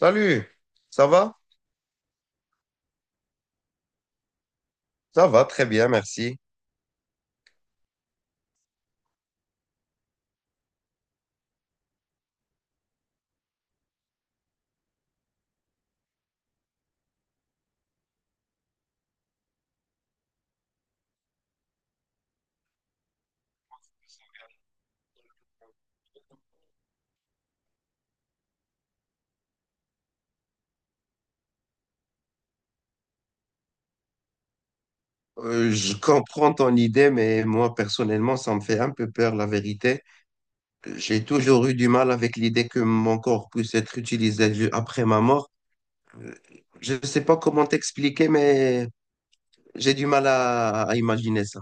Salut, ça va? Ça va, très bien, merci. Je comprends ton idée, mais moi, personnellement, ça me fait un peu peur, la vérité. J'ai toujours eu du mal avec l'idée que mon corps puisse être utilisé après ma mort. Euh, Je ne sais pas comment t'expliquer, mais j'ai du mal à imaginer ça.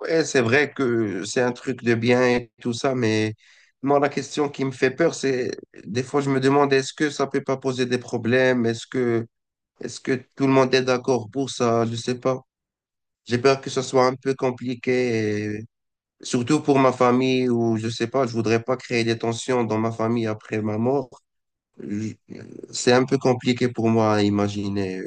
Ouais, c'est vrai que c'est un truc de bien et tout ça, mais moi, la question qui me fait peur, c'est des fois, je me demande, est-ce que ça peut pas poser des problèmes? Est-ce que tout le monde est d'accord pour ça? Je sais pas. J'ai peur que ce soit un peu compliqué, surtout pour ma famille ou je sais pas, je voudrais pas créer des tensions dans ma famille après ma mort. Je- C'est un peu compliqué pour moi à imaginer.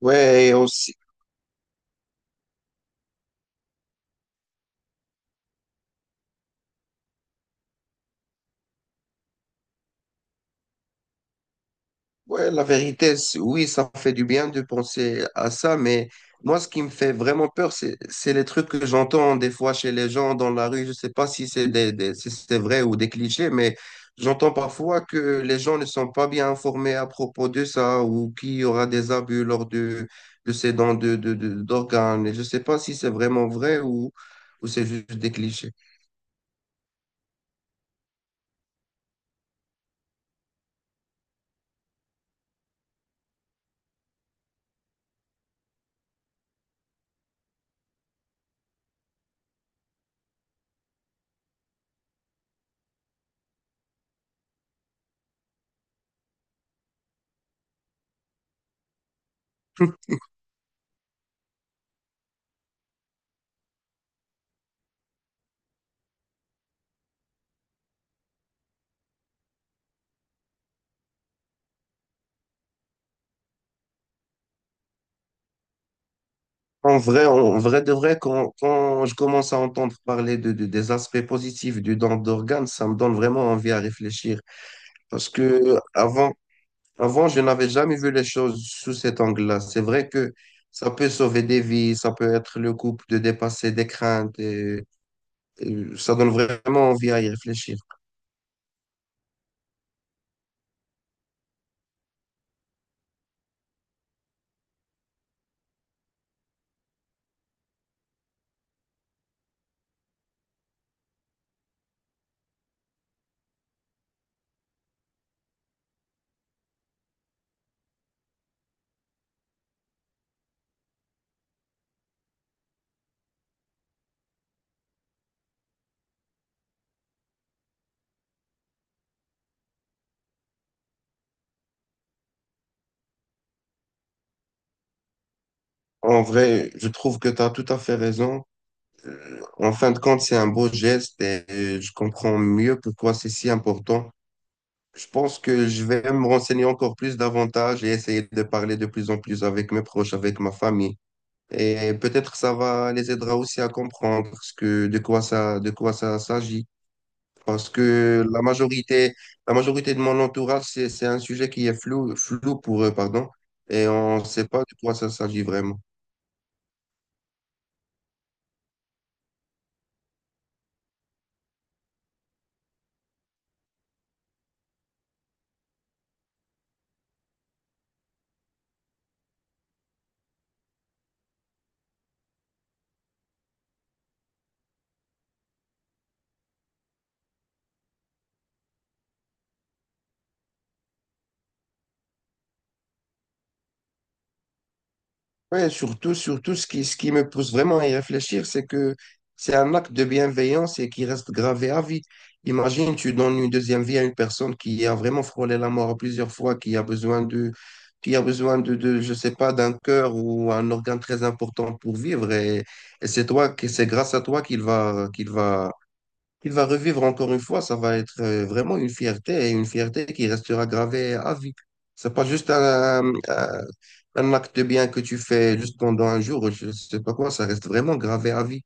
Ouais, et aussi. Ouais, la vérité, oui, ça fait du bien de penser à ça, mais moi, ce qui me fait vraiment peur, c'est les trucs que j'entends des fois chez les gens dans la rue. Je sais pas si c'est si c'est vrai ou des clichés, mais j'entends parfois que les gens ne sont pas bien informés à propos de ça ou qu'il y aura des abus lors de ces dons d'organes. Et je sais pas si c'est vraiment vrai ou c'est juste des clichés. En vrai de vrai, quand je commence à entendre parler des aspects positifs du don d'organes, ça me donne vraiment envie à réfléchir. Parce que avant, avant, je n'avais jamais vu les choses sous cet angle-là. C'est vrai que ça peut sauver des vies, ça peut être le couple de dépasser des craintes et ça donne vraiment envie à y réfléchir. En vrai, je trouve que tu as tout à fait raison. En fin de compte, c'est un beau geste et je comprends mieux pourquoi c'est si important. Je pense que je vais me renseigner encore plus davantage et essayer de parler de plus en plus avec mes proches, avec ma famille. Et peut-être ça va les aidera aussi à comprendre ce que, de quoi ça s'agit. Parce que la majorité de mon entourage, c'est un sujet qui est flou pour eux, pardon. Et on ne sait pas de quoi ça s'agit vraiment. Ouais, surtout, surtout ce qui me pousse vraiment à y réfléchir, c'est que c'est un acte de bienveillance et qui reste gravé à vie. Imagine, tu donnes une deuxième vie à une personne qui a vraiment frôlé la mort plusieurs fois, qui a besoin je sais pas, d'un cœur ou un organe très important pour vivre. Et c'est toi, c'est grâce à toi qu'il va revivre encore une fois, ça va être vraiment une fierté et une fierté qui restera gravée à vie. C'est pas juste un acte de bien que tu fais juste pendant un jour, ou je sais pas quoi, ça reste vraiment gravé à vie.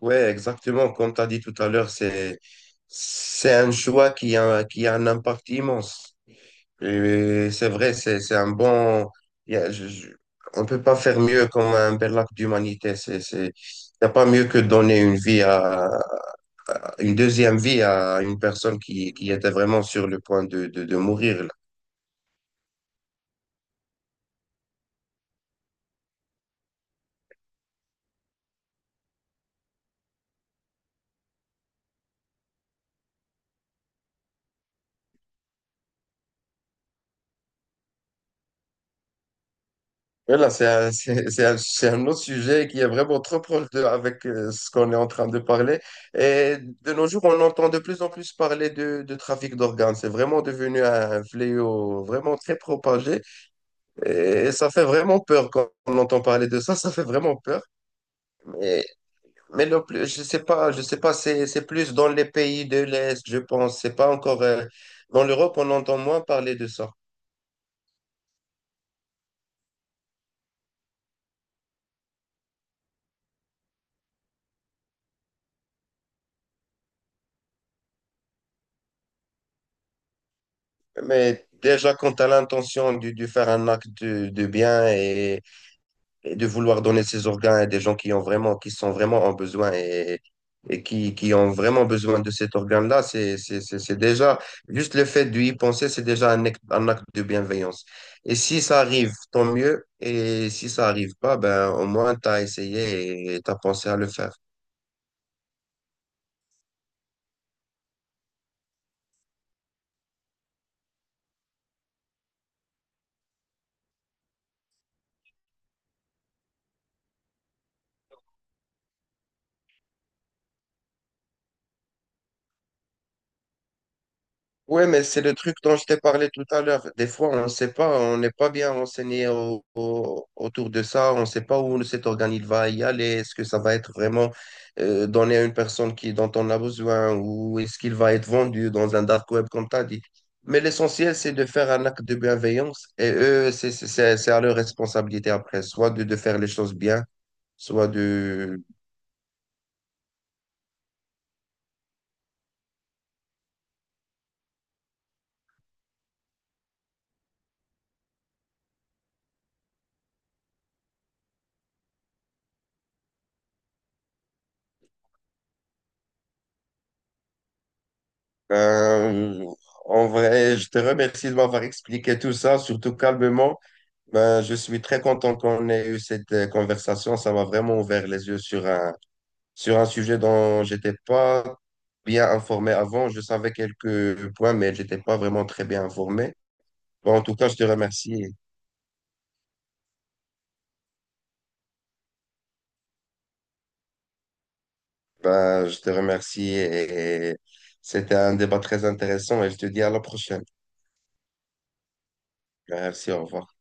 Ouais, exactement. Comme tu as dit tout à l'heure, c'est un choix qui a un impact immense. Et c'est vrai, c'est un bon. Il y a- je- On ne peut pas faire mieux comme un bel acte d'humanité. C'est, il n'y a pas mieux que donner une vie à. Une deuxième vie à une personne qui était vraiment sur le point de mourir. Là, voilà, c'est un autre sujet qui est vraiment trop proche de, avec ce qu'on est en train de parler. Et de nos jours, on entend de plus en plus parler de trafic d'organes. C'est vraiment devenu un fléau vraiment très propagé. Et ça fait vraiment peur quand on entend parler de ça. Ça fait vraiment peur. Mais le plus, je sais pas, c'est plus dans les pays de l'Est, je pense. C'est pas encore, dans l'Europe, on entend moins parler de ça. Mais déjà, quand tu as l'intention de faire un acte de bien et de vouloir donner ses organes à des gens qui ont vraiment, qui sont vraiment en besoin et, qui ont vraiment besoin de cet organe-là, c'est déjà, juste le fait d'y penser, c'est déjà un acte de bienveillance. Et si ça arrive, tant mieux. Et si ça arrive pas, ben, au moins, tu as essayé et tu as pensé à le faire. Ouais, mais c'est le truc dont je t'ai parlé tout à l'heure. Des fois, on ne sait pas, on n'est pas bien renseigné autour de ça. On ne sait pas où cet organisme va y aller. Est-ce que ça va être vraiment donné à une personne qui, dont on a besoin ou est-ce qu'il va être vendu dans un dark web, comme tu as dit. Mais l'essentiel, c'est de faire un acte de bienveillance et eux, c'est à leur responsabilité après, soit de faire les choses bien, soit de... Ben, en vrai, je te remercie de m'avoir expliqué tout ça, surtout calmement. Ben, je suis très content qu'on ait eu cette conversation. Ça m'a vraiment ouvert les yeux sur un sujet dont j'étais pas bien informé avant. Je savais quelques points, mais j'étais pas vraiment très bien informé. Bon, en tout cas, je te remercie. Ben, je te remercie et c'était un débat très intéressant et je te dis à la prochaine. Merci, au revoir.